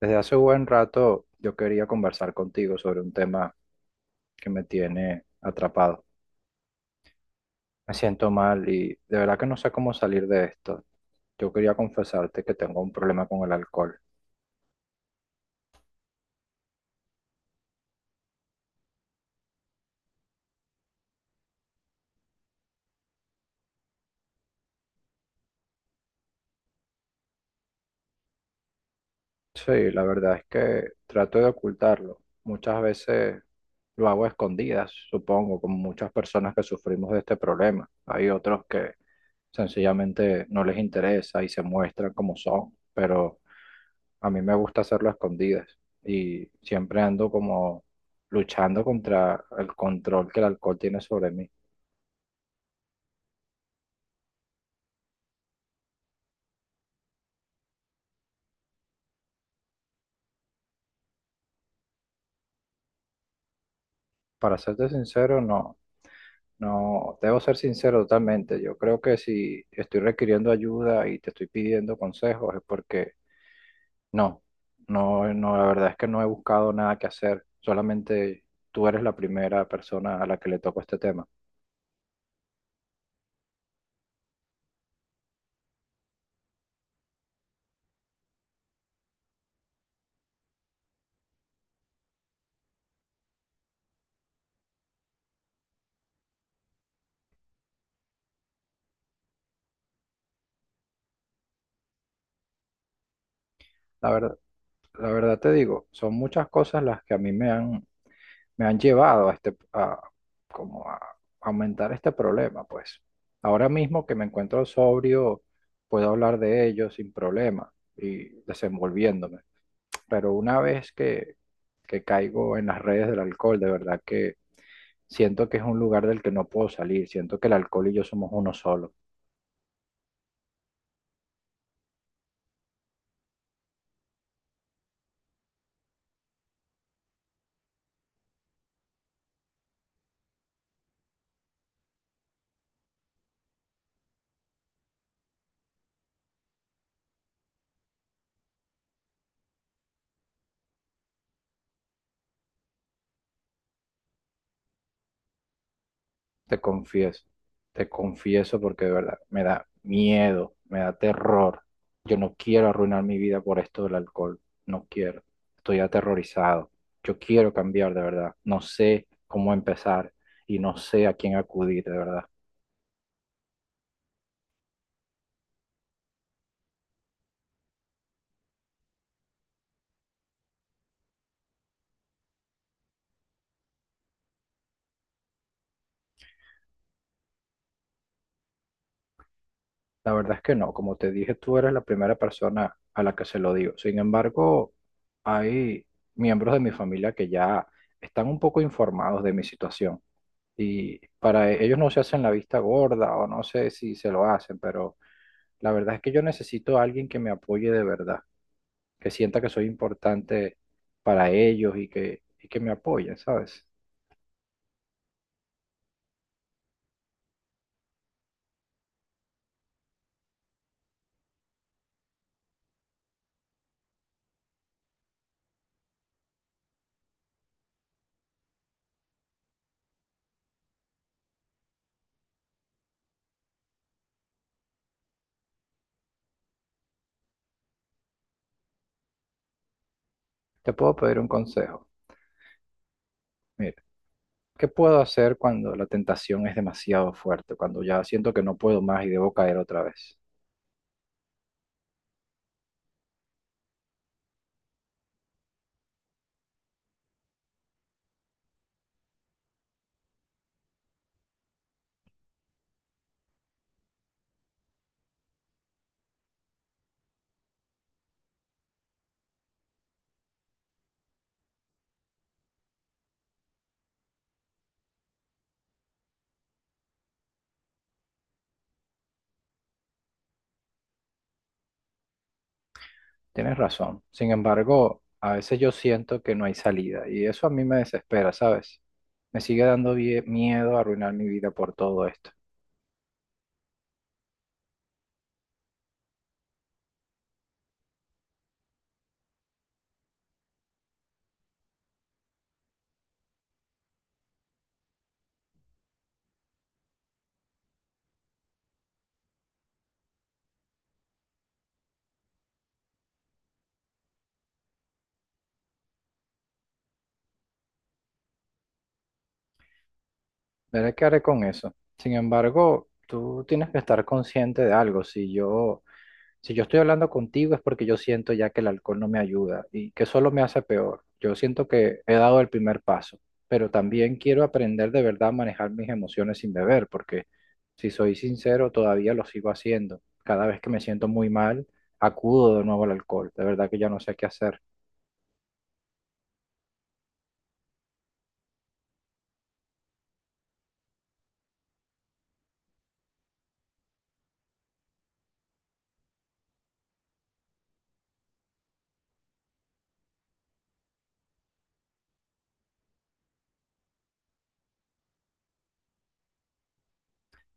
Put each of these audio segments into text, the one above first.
Desde hace buen rato yo quería conversar contigo sobre un tema que me tiene atrapado. Me siento mal y de verdad que no sé cómo salir de esto. Yo quería confesarte que tengo un problema con el alcohol. Sí, la verdad es que trato de ocultarlo. Muchas veces lo hago a escondidas, supongo, como muchas personas que sufrimos de este problema. Hay otros que sencillamente no les interesa y se muestran como son, pero a mí me gusta hacerlo a escondidas y siempre ando como luchando contra el control que el alcohol tiene sobre mí. Para serte sincero, no, no, debo ser sincero totalmente. Yo creo que si estoy requiriendo ayuda y te estoy pidiendo consejos es porque no, no, no, la verdad es que no he buscado nada que hacer. Solamente tú eres la primera persona a la que le tocó este tema. La verdad, la verdad te digo, son muchas cosas las que a mí me han llevado a este, a, como a aumentar este problema, pues. Ahora mismo que me encuentro sobrio, puedo hablar de ello sin problema y desenvolviéndome. Pero una vez que caigo en las redes del alcohol, de verdad que siento que es un lugar del que no puedo salir, siento que el alcohol y yo somos uno solo. Te confieso, te confieso porque de verdad me da miedo, me da terror. Yo no quiero arruinar mi vida por esto del alcohol, no quiero. Estoy aterrorizado. Yo quiero cambiar de verdad. No sé cómo empezar y no sé a quién acudir de verdad. La verdad es que no, como te dije, tú eres la primera persona a la que se lo digo. Sin embargo, hay miembros de mi familia que ya están un poco informados de mi situación. Y para ellos no se hacen la vista gorda o no sé si se lo hacen, pero la verdad es que yo necesito a alguien que me apoye de verdad, que sienta que soy importante para ellos y que me apoye, ¿sabes? Te puedo pedir un consejo. Mira, ¿qué puedo hacer cuando la tentación es demasiado fuerte, cuando ya siento que no puedo más y debo caer otra vez? Tienes razón. Sin embargo, a veces yo siento que no hay salida y eso a mí me desespera, ¿sabes? Me sigue dando miedo arruinar mi vida por todo esto. Verá qué haré con eso. Sin embargo, tú tienes que estar consciente de algo. Si yo estoy hablando contigo es porque yo siento ya que el alcohol no me ayuda y que solo me hace peor. Yo siento que he dado el primer paso, pero también quiero aprender de verdad a manejar mis emociones sin beber, porque si soy sincero, todavía lo sigo haciendo. Cada vez que me siento muy mal, acudo de nuevo al alcohol. De verdad que ya no sé qué hacer.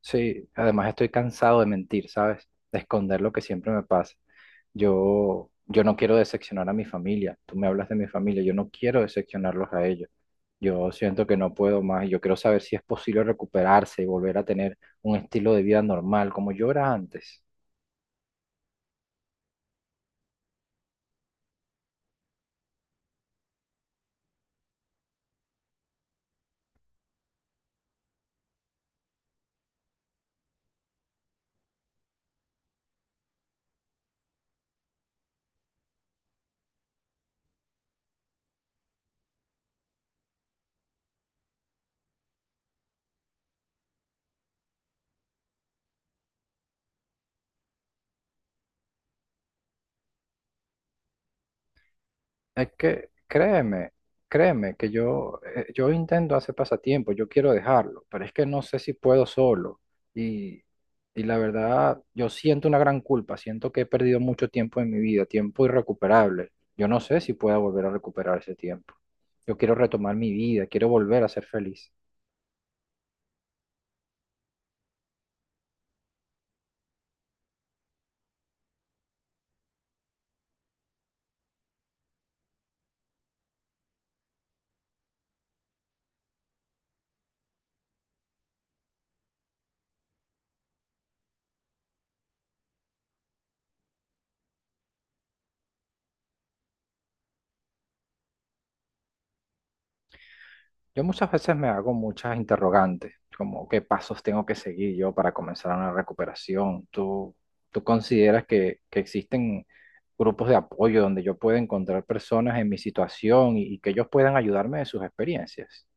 Sí, además estoy cansado de mentir, ¿sabes? De esconder lo que siempre me pasa. Yo no quiero decepcionar a mi familia. Tú me hablas de mi familia, yo no quiero decepcionarlos a ellos. Yo siento que no puedo más. Yo quiero saber si es posible recuperarse y volver a tener un estilo de vida normal como yo era antes. Es que créeme, créeme que yo, yo intento hacer pasatiempo, yo quiero dejarlo, pero es que no sé si puedo solo. Y, y la verdad, yo siento una gran culpa, siento que he perdido mucho tiempo en mi vida, tiempo irrecuperable. Yo no sé si pueda volver a recuperar ese tiempo. Yo quiero retomar mi vida, quiero volver a ser feliz. Yo muchas veces me hago muchas interrogantes, como qué pasos tengo que seguir yo para comenzar una recuperación. ¿Tú consideras que existen grupos de apoyo donde yo pueda encontrar personas en mi situación y que ellos puedan ayudarme de sus experiencias?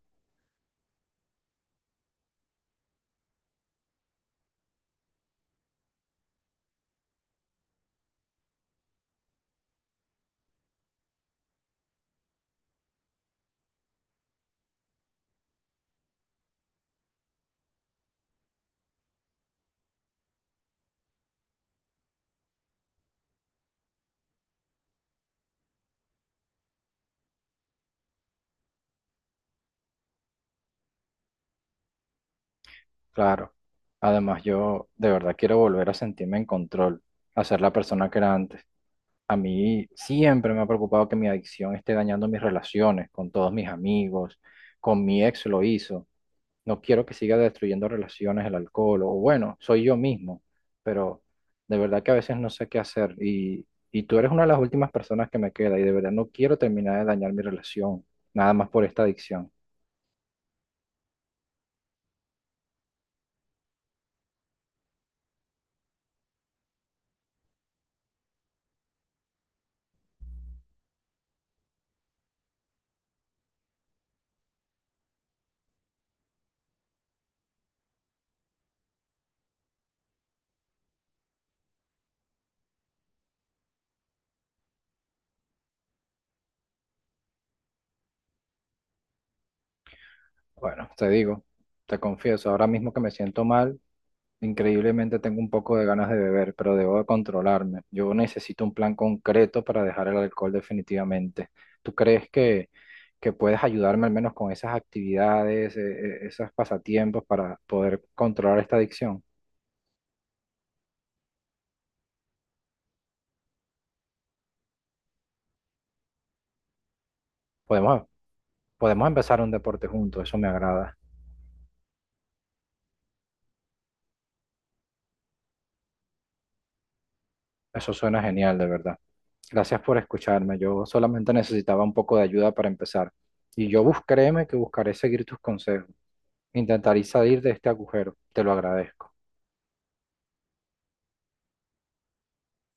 Claro. Además, yo de verdad quiero volver a sentirme en control, a ser la persona que era antes. A mí siempre me ha preocupado que mi adicción esté dañando mis relaciones con todos mis amigos, con mi ex lo hizo. No quiero que siga destruyendo relaciones el alcohol, o bueno, soy yo mismo, pero de verdad que a veces no sé qué hacer y tú eres una de las últimas personas que me queda y de verdad no quiero terminar de dañar mi relación, nada más por esta adicción. Bueno, te digo, te confieso, ahora mismo que me siento mal. Increíblemente tengo un poco de ganas de beber, pero debo de controlarme. Yo necesito un plan concreto para dejar el alcohol definitivamente. ¿Tú crees que puedes ayudarme al menos con esas actividades, esos pasatiempos para poder controlar esta adicción? Podemos, podemos empezar un deporte juntos, eso me agrada. Eso suena genial, de verdad. Gracias por escucharme. Yo solamente necesitaba un poco de ayuda para empezar. Y yo bus, créeme que buscaré seguir tus consejos. Intentaré salir de este agujero. Te lo agradezco.